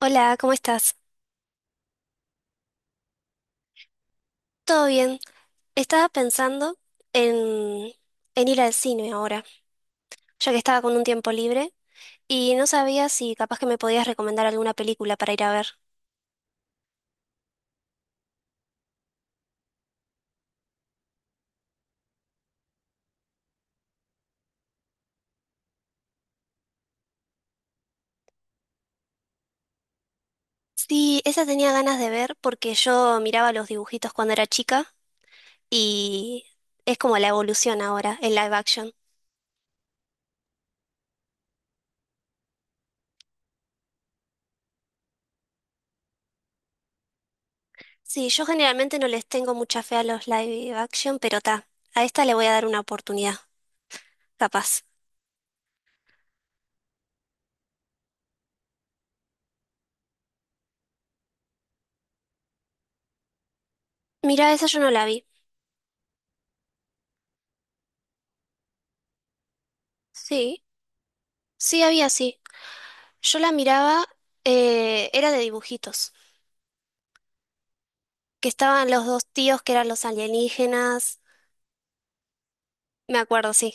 Hola, ¿cómo estás? ¿Todo bien? Estaba pensando en, en ir al cine ahora, ya que estaba con un tiempo libre y no sabía si capaz que me podías recomendar alguna película para ir a ver. Sí, esa tenía ganas de ver porque yo miraba los dibujitos cuando era chica y es como la evolución ahora, el live action. Sí, yo generalmente no les tengo mucha fe a los live action, pero ta, a esta le voy a dar una oportunidad, capaz. Mira, esa yo no la vi. Sí, sí había, sí. Yo la miraba, era de dibujitos, que estaban los dos tíos que eran los alienígenas, me acuerdo, sí.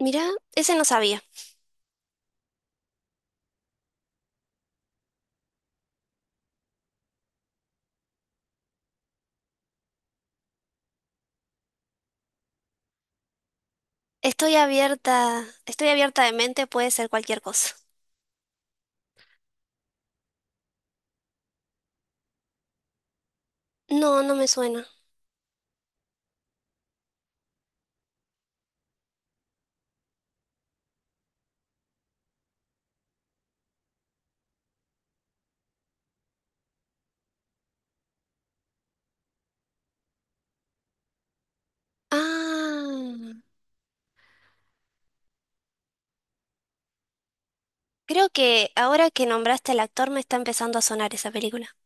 Mirá, ese no sabía. Estoy abierta de mente, puede ser cualquier cosa. No, no me suena. Ah, creo que ahora que nombraste al actor me está empezando a sonar esa película.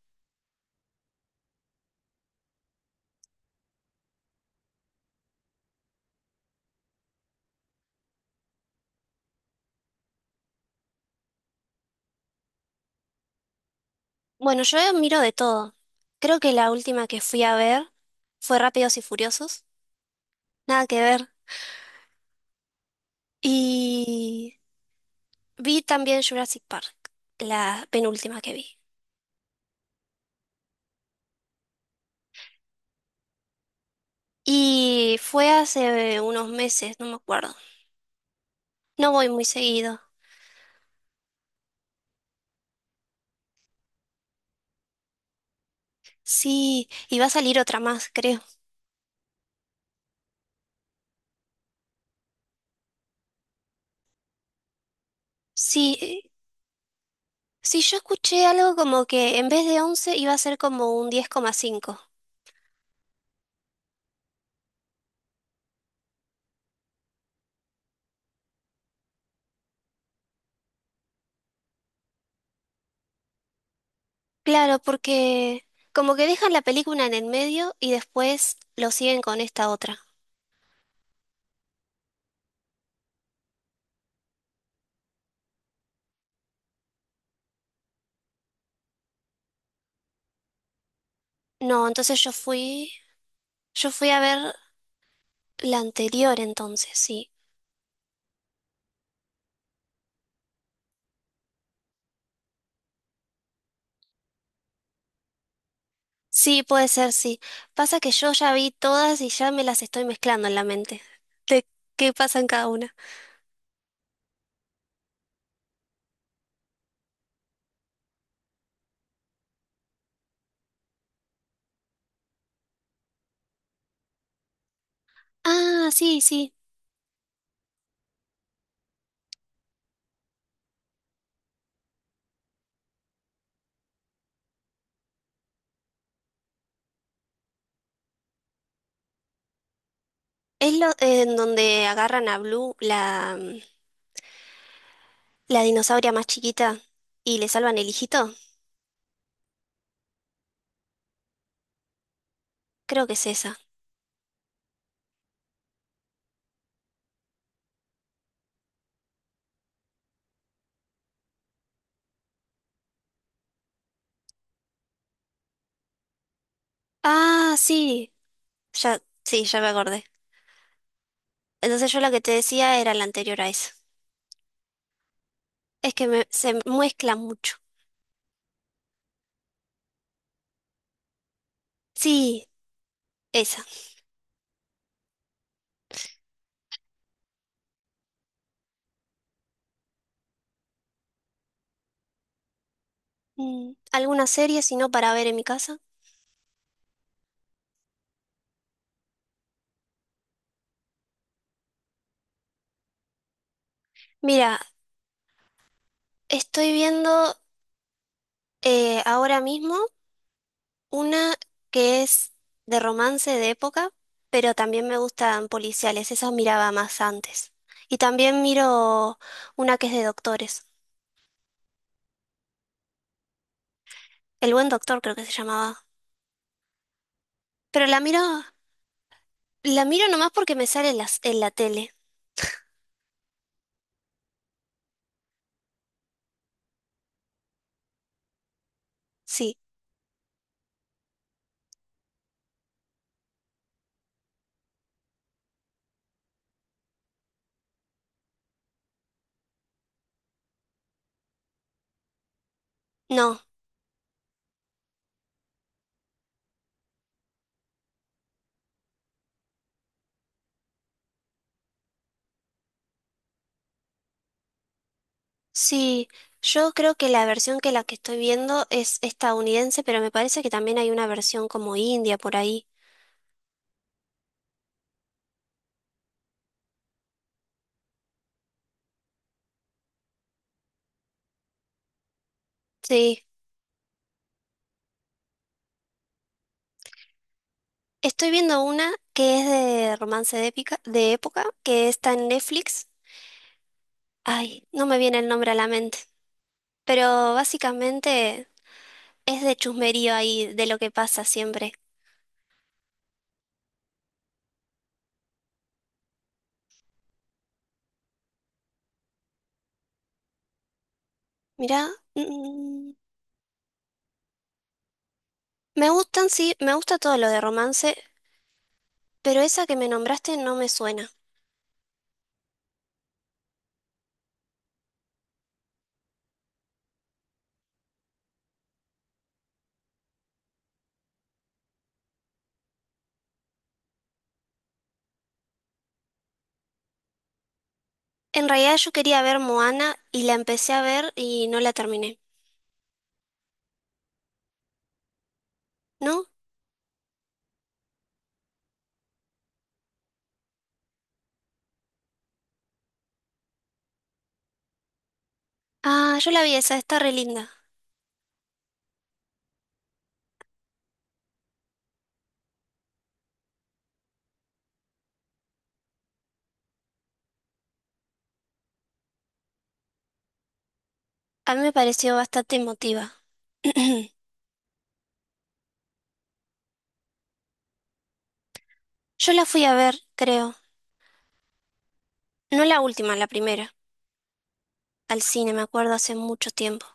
Bueno, yo miro de todo. Creo que la última que fui a ver fue Rápidos y Furiosos. Nada que ver. Y vi también Jurassic Park, la penúltima que vi. Y fue hace unos meses, no me acuerdo. No voy muy seguido. Sí, y va a salir otra más, creo. Sí, sí, yo escuché algo como que en vez de 11 iba a ser como un 10,5. Claro, porque como que dejan la película en el medio y después lo siguen con esta otra. No, entonces yo fui a ver la anterior entonces, sí. Sí, puede ser, sí. Pasa que yo ya vi todas y ya me las estoy mezclando en la mente. ¿De qué pasa en cada una? Ah, sí, sí. Es lo en donde agarran a Blue, la dinosauria más chiquita, y le salvan el hijito. Creo que es esa. Ah, sí. Ya, sí, ya me acordé. Entonces yo la que te decía era la anterior a esa. Es que me- se mezcla mucho. Sí, esa. ¿Alguna serie si no para ver en mi casa? Mira, estoy viendo. Ahora mismo, una que es de romance de época, pero también me gustan policiales, esas miraba más antes. Y también miro una que es de doctores. El buen doctor creo que se llamaba. Pero la miro nomás porque me sale en en la tele. Sí, no, sí, yo creo que la versión que la que estoy viendo es estadounidense, pero me parece que también hay una versión como india por ahí. Sí. Estoy viendo una que es de romance de épica, de época, que está en Netflix. Ay, no me viene el nombre a la mente. Pero básicamente es de chusmerío ahí, de lo que pasa siempre. Mirá, me gustan, sí, me gusta todo lo de romance, pero esa que me nombraste no me suena. En realidad yo quería ver Moana y la empecé a ver y no la terminé. ¿No? Ah, yo la vi esa, está re linda. A mí me pareció bastante emotiva. Yo la fui a ver, creo. No la última, la primera. Al cine, me acuerdo hace mucho tiempo.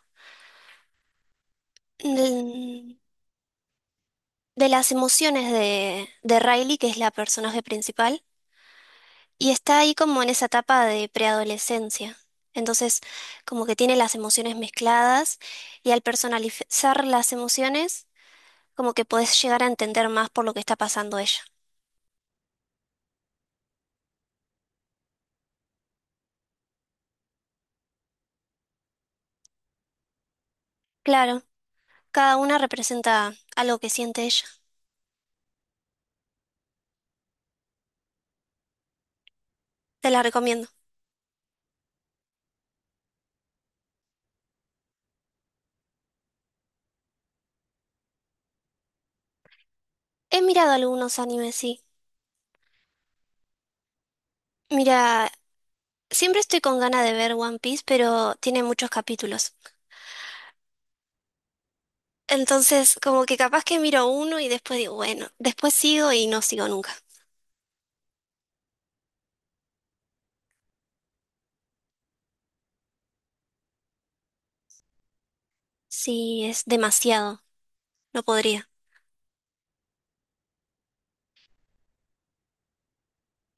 De, de las emociones de Riley, que es la personaje principal, y está ahí como en esa etapa de preadolescencia. Entonces, como que tiene las emociones mezcladas y al personalizar las emociones, como que podés llegar a entender más por lo que está pasando ella. Claro, cada una representa algo que siente ella. Te la recomiendo. He mirado algunos animes, sí. Mira, siempre estoy con ganas de ver One Piece, pero tiene muchos capítulos. Entonces, como que capaz que miro uno y después digo, bueno, después sigo y no sigo nunca. Sí, es demasiado, no podría.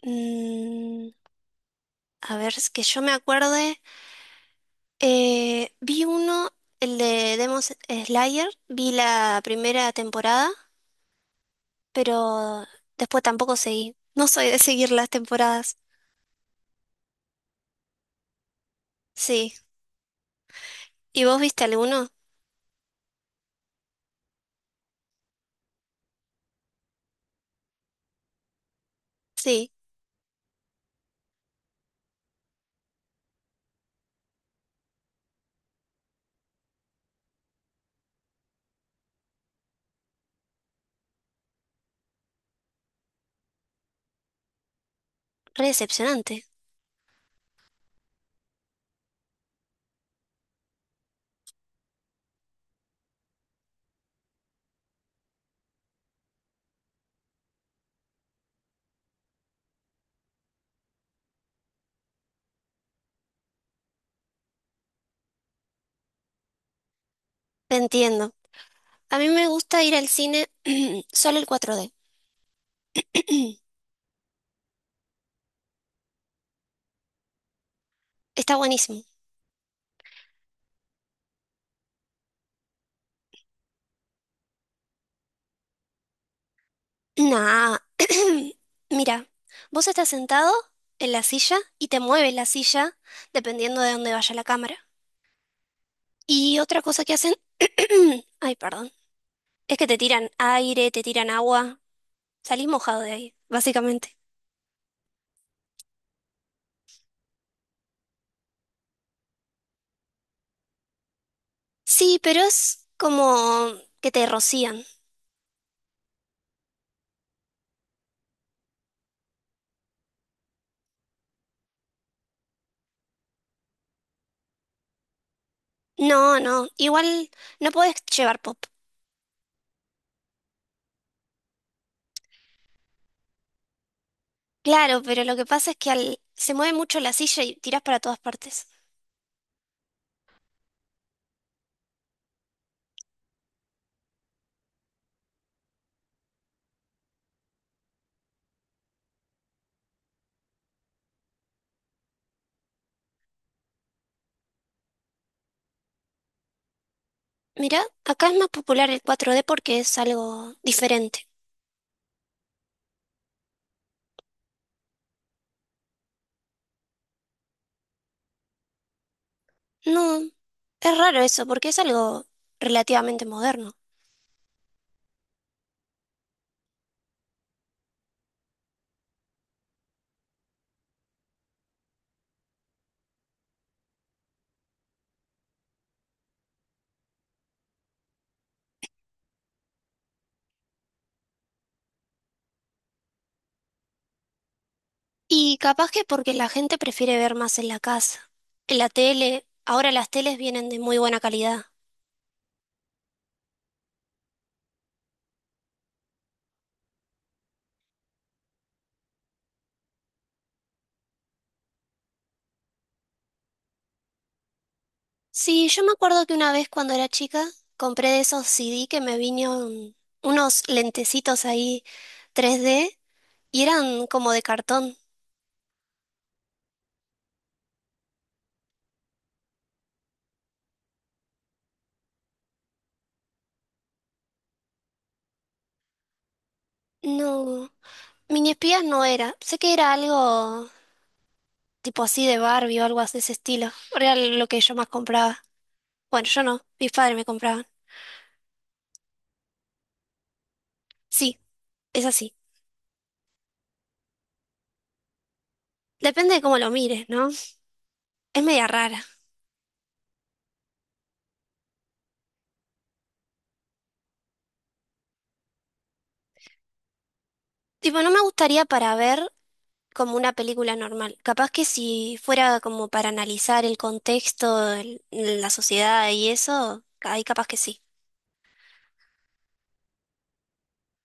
Mm, a ver, es que yo me acuerde, vi uno, el de Demon Slayer, vi la primera temporada, pero después tampoco seguí. No soy de seguir las temporadas. Sí. ¿Y vos viste alguno? Sí, re decepcionante. Te entiendo. A mí me gusta ir al cine solo el 4D. Está buenísimo. Nah. Mira, vos estás sentado en la silla y te mueves la silla dependiendo de dónde vaya la cámara. Y otra cosa que hacen, ay, perdón, es que te tiran aire, te tiran agua. Salís mojado de ahí, básicamente. Sí, pero es como que te rocían. No, no, igual no podés llevar pop. Claro, pero lo que pasa es que al- se mueve mucho la silla y tiras para todas partes. Mira, acá es más popular el 4D porque es algo diferente. No, es raro eso porque es algo relativamente moderno. Y capaz que porque la gente prefiere ver más en la casa, en la tele. Ahora las teles vienen de muy buena calidad. Sí, yo me acuerdo que una vez cuando era chica compré de esos CD que me vinieron unos lentecitos ahí 3D y eran como de cartón. No, mini espías no era. Sé que era algo tipo así de Barbie o algo así de ese estilo. Era lo que yo más compraba. Bueno, yo no, mis padres me compraban. Sí, es así. Depende de cómo lo mires, ¿no? Es media rara. Tipo, no me gustaría para ver como una película normal. Capaz que si fuera como para analizar el contexto, el- la sociedad y eso, ahí capaz que sí.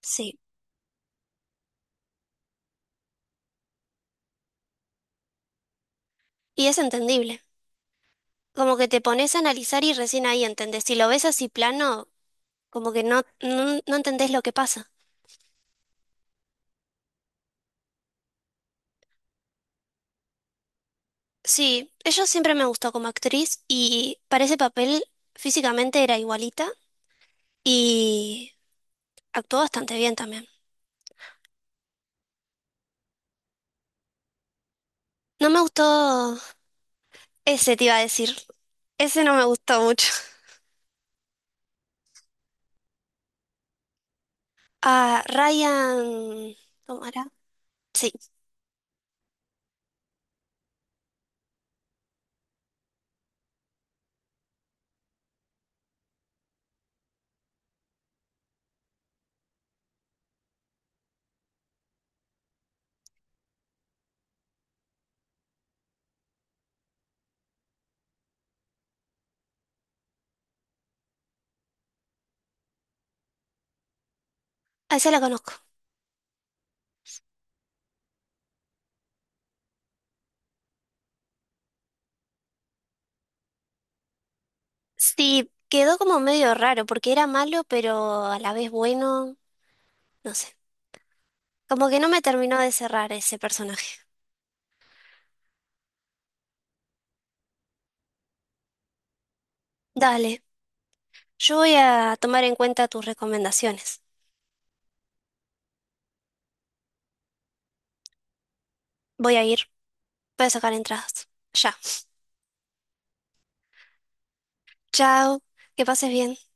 Sí. Y es entendible. Como que te pones a analizar y recién ahí entendés. Si lo ves así plano, como que no, no, no entendés lo que pasa. Sí, ella siempre me gustó como actriz y para ese papel físicamente era igualita y actuó bastante bien también. No me gustó ese, te iba a decir. Ese no me gustó mucho. A Ryan, ¿cómo era? Sí, a ese la conozco. Sí, quedó como medio raro porque era malo pero a la vez bueno. No sé. Como que no me terminó de cerrar ese personaje. Dale, yo voy a tomar en cuenta tus recomendaciones. Voy a ir, voy a sacar entradas. Ya. Chao, que pases bien.